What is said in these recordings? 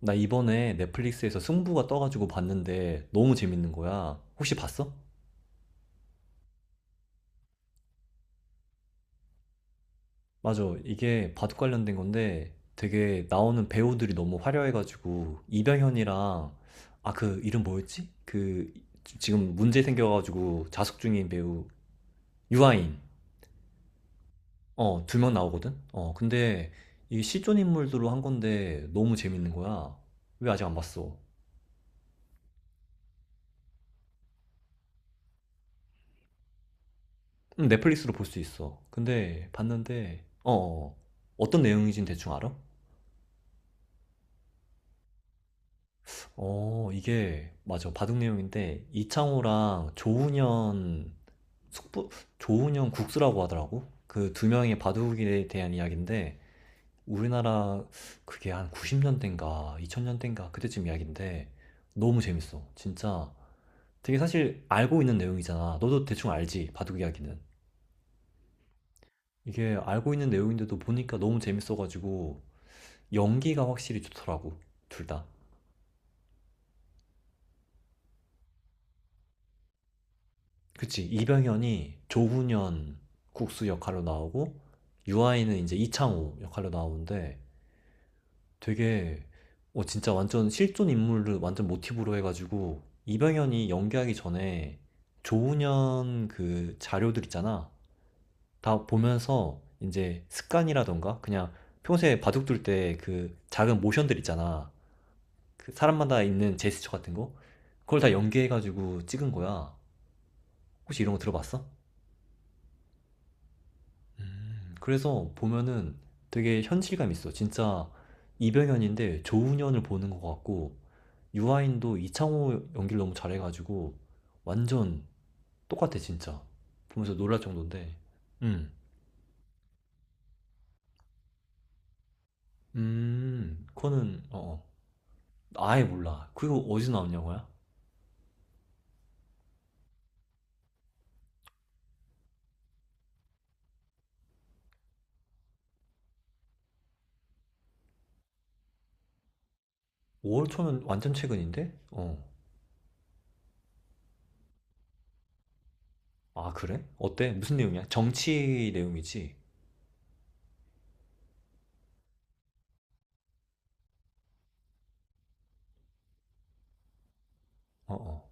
나 이번에 넷플릭스에서 승부가 떠가지고 봤는데 너무 재밌는 거야. 혹시 봤어? 맞아. 이게 바둑 관련된 건데 되게 나오는 배우들이 너무 화려해가지고 이병현이랑, 아, 그 이름 뭐였지? 그 지금 문제 생겨가지고 자숙 중인 배우 유아인. 어, 두 명 나오거든? 어, 근데 이 실존 인물들로 한 건데 너무 재밌는 거야. 왜 아직 안 봤어? 넷플릭스로 볼 수 있어. 근데 봤는데 어, 어. 어. 어떤 내용이진 대충 알아? 어, 이게, 맞아. 바둑 내용인데, 이창호랑 조훈현, 숙부, 조훈현 국수라고 하더라고. 그 두 명의 바둑에 대한 이야기인데, 우리나라 그게 한 90년대인가, 2000년대인가, 그때쯤 이야기인데, 너무 재밌어. 진짜. 되게 사실 알고 있는 내용이잖아. 너도 대충 알지, 바둑 이야기는. 이게 알고 있는 내용인데도 보니까 너무 재밌어가지고, 연기가 확실히 좋더라고. 둘 다. 그치. 이병현이 조훈현 국수 역할로 나오고, 유아인은 이제 이창호 역할로 나오는데, 되게, 어, 진짜 완전 실존 인물을 완전 모티브로 해가지고, 이병현이 연기하기 전에 조훈현 그 자료들 있잖아. 다 보면서 이제 습관이라던가, 그냥 평소에 바둑둘 때 그 작은 모션들 있잖아. 그 사람마다 있는 제스처 같은 거? 그걸 다 연기해가지고 찍은 거야. 혹시 이런 거 들어봤어? 음. 그래서 보면은 되게 현실감 있어. 진짜 이병헌인데 조훈현을 보는 것 같고 유아인도 이창호 연기를 너무 잘해가지고 완전 똑같아 진짜. 보면서 놀랄 정도인데. 음. 음. 그거는 어 어. 아예 몰라. 그리고 어디서 나온 영화야? 5월 초면 완전 최근인데? 어. 아 그래? 어때? 무슨 내용이야? 정치 내용이지? 어 어.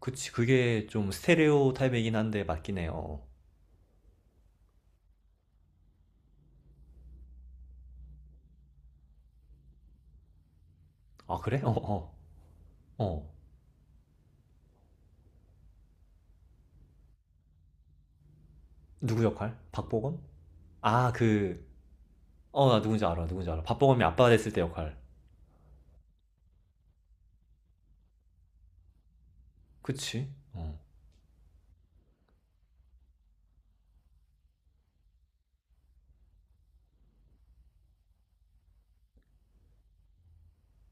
그치, 그게 좀 스테레오 타입이긴 한데 맞긴 해요. 어. 어. 아 그래? 어 어. 어. 누구 역할? 박보검? 아, 그, 어, 나 누군지 알아, 누군지 알아. 박보검이 아빠가 됐을 때 역할. 그치? 어.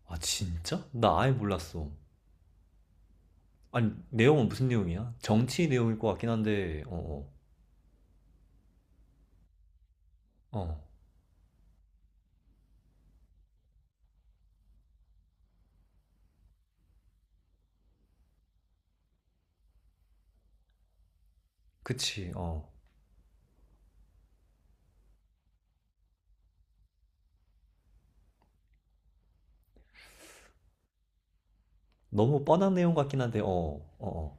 아, 진짜? 나 아예 몰랐어. 아니, 내용은 무슨 내용이야? 정치 내용일 것 같긴 한데, 어, 어, 어. 그치, 어. 너무 뻔한 내용 같긴 한데, 어, 어, 어.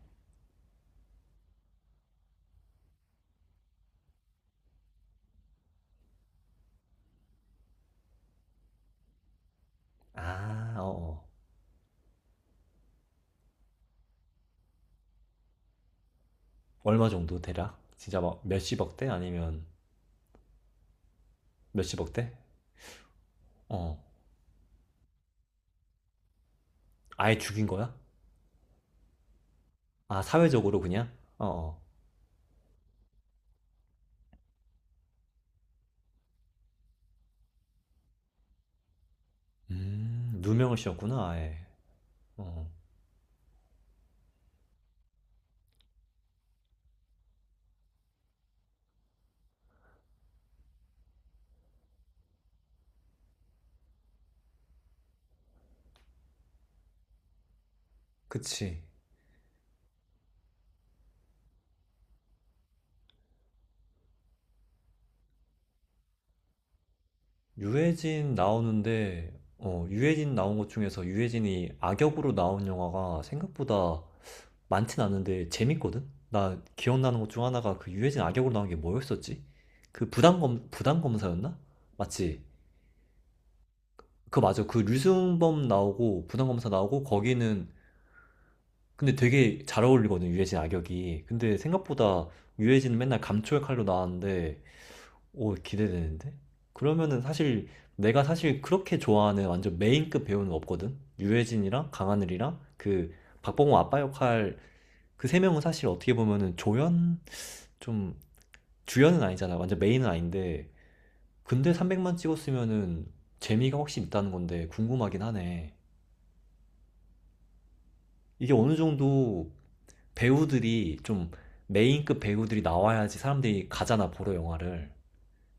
아, 어, 어. 얼마 정도 대략? 진짜 막 몇십억 대? 아니면 몇십억 대? 어. 아예 죽인 거야? 아, 사회적으로 그냥? 어, 어. 누명을 씌웠구나, 아예. 어. 그치. 유해진 나오는데, 어, 유해진 나온 것 중에서 유해진이 악역으로 나온 영화가 생각보다 많진 않은데 재밌거든? 나 기억나는 것 중 하나가 그 유해진 악역으로 나온 게 뭐였었지? 그 부당검사였나? 맞지? 그거 맞아. 그 류승범 나오고 부당검사 나오고 거기는 근데 되게 잘 어울리거든, 유해진 악역이. 근데 생각보다 유해진은 맨날 감초의 칼로 나왔는데 오, 기대되는데? 그러면은 사실 내가 사실 그렇게 좋아하는 완전 메인급 배우는 없거든? 유해진이랑 강하늘이랑 그 박보검 아빠 역할 그 세 명은 사실 어떻게 보면은 조연? 좀 주연은 아니잖아. 완전 메인은 아닌데. 근데 300만 찍었으면은 재미가 혹시 있다는 건데 궁금하긴 하네. 이게 어느 정도 배우들이 좀 메인급 배우들이 나와야지 사람들이 가잖아, 보러 영화를.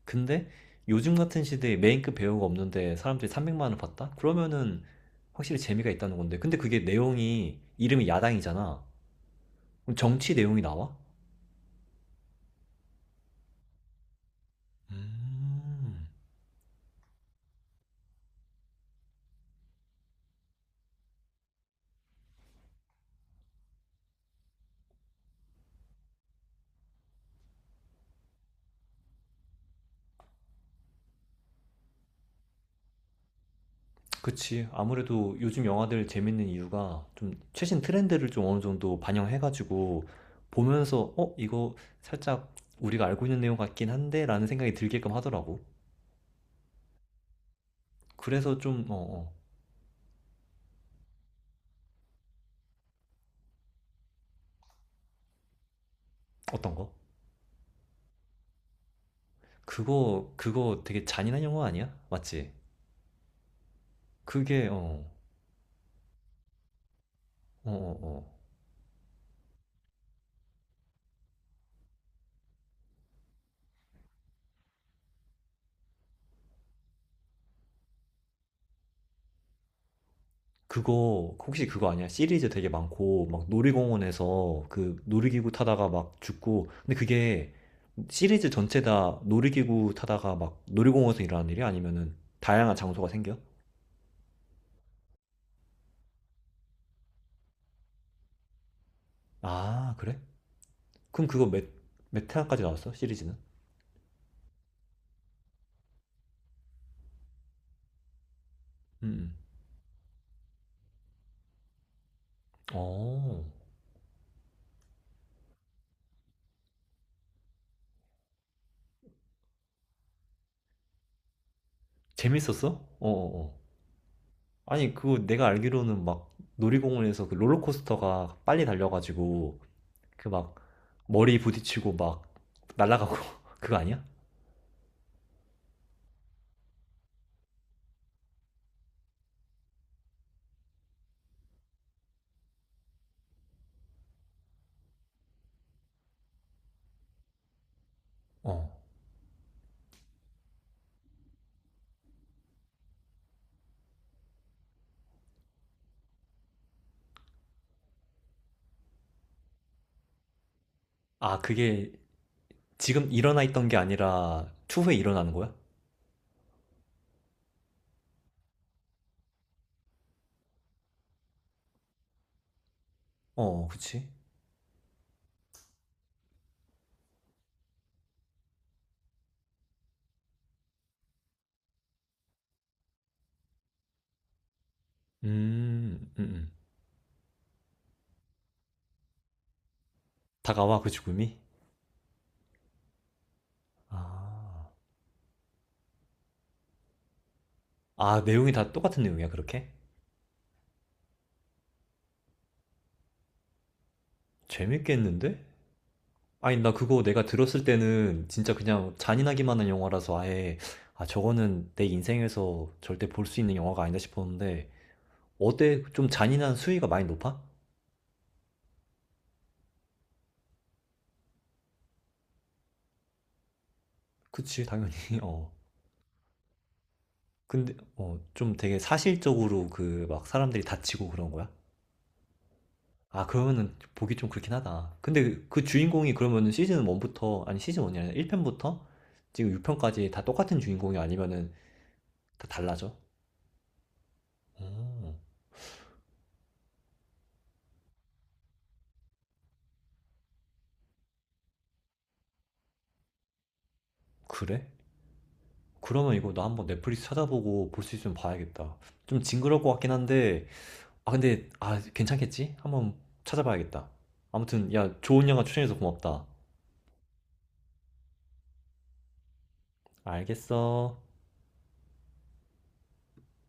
근데 요즘 같은 시대에 메인급 배우가 없는데 사람들이 300만 원을 받다? 그러면은 확실히 재미가 있다는 건데. 근데 그게 내용이 이름이 야당이잖아. 그럼 정치 내용이 나와? 음, 그치. 아무래도 요즘 영화들 재밌는 이유가 좀 최신 트렌드를 좀 어느 정도 반영해가지고 보면서 어, 이거 살짝 우리가 알고 있는 내용 같긴 한데 라는 생각이 들게끔 하더라고. 그래서 좀, 어, 어. 어떤 거? 그거, 그거 되게 잔인한 영화 아니야? 맞지? 그게, 어. 어, 어, 어. 그거, 혹시 그거 아니야? 시리즈 되게 많고, 막 놀이공원에서 그 놀이기구 타다가 막 죽고, 근데 그게 시리즈 전체 다 놀이기구 타다가 막 놀이공원에서 일어나는 일이 아니면은 다양한 장소가 생겨? 아, 그래? 그럼 그거 몇 회까지 나왔어? 시리즈는? 음, 음. 어, 재밌었어? 어, 어, 어. 아니, 그거 내가 알기로는 막 놀이공원에서 그 롤러코스터가 빨리 달려가지고 그 막 머리 부딪히고 막 날아가고 그거 아니야? 어. 아, 그게 지금 일어나 있던 게 아니라 추후에 일어나는 거야? 어, 그치. 음, 음, 음. 다가와 그 죽음이? 아. 아, 내용이 다 똑같은 내용이야, 그렇게? 재밌겠는데? 아니, 나 그거 내가 들었을 때는 진짜 그냥 잔인하기만 한 영화라서 아예, 아, 저거는 내 인생에서 절대 볼 수 있는 영화가 아니다 싶었는데, 어때? 좀 잔인한 수위가 많이 높아? 그치, 당연히. 어. 근데 어 좀 되게 사실적으로 그 막 사람들이 다치고 그런 거야? 아 그러면은 보기 좀 그렇긴 하다. 근데 그 주인공이 그러면은 시즌 1부터 아니 시즌 1이 아니라 1편부터 지금 6편까지 다 똑같은 주인공이 아니면은 다 달라져? 어 그래? 그러면 이거 나 한번 넷플릭스 찾아보고 볼 수 있으면 봐야겠다. 좀 징그러울 것 같긴 한데 아 근데 아 괜찮겠지? 한번 찾아봐야겠다. 아무튼 야 좋은 영화 추천해서 고맙다. 알겠어.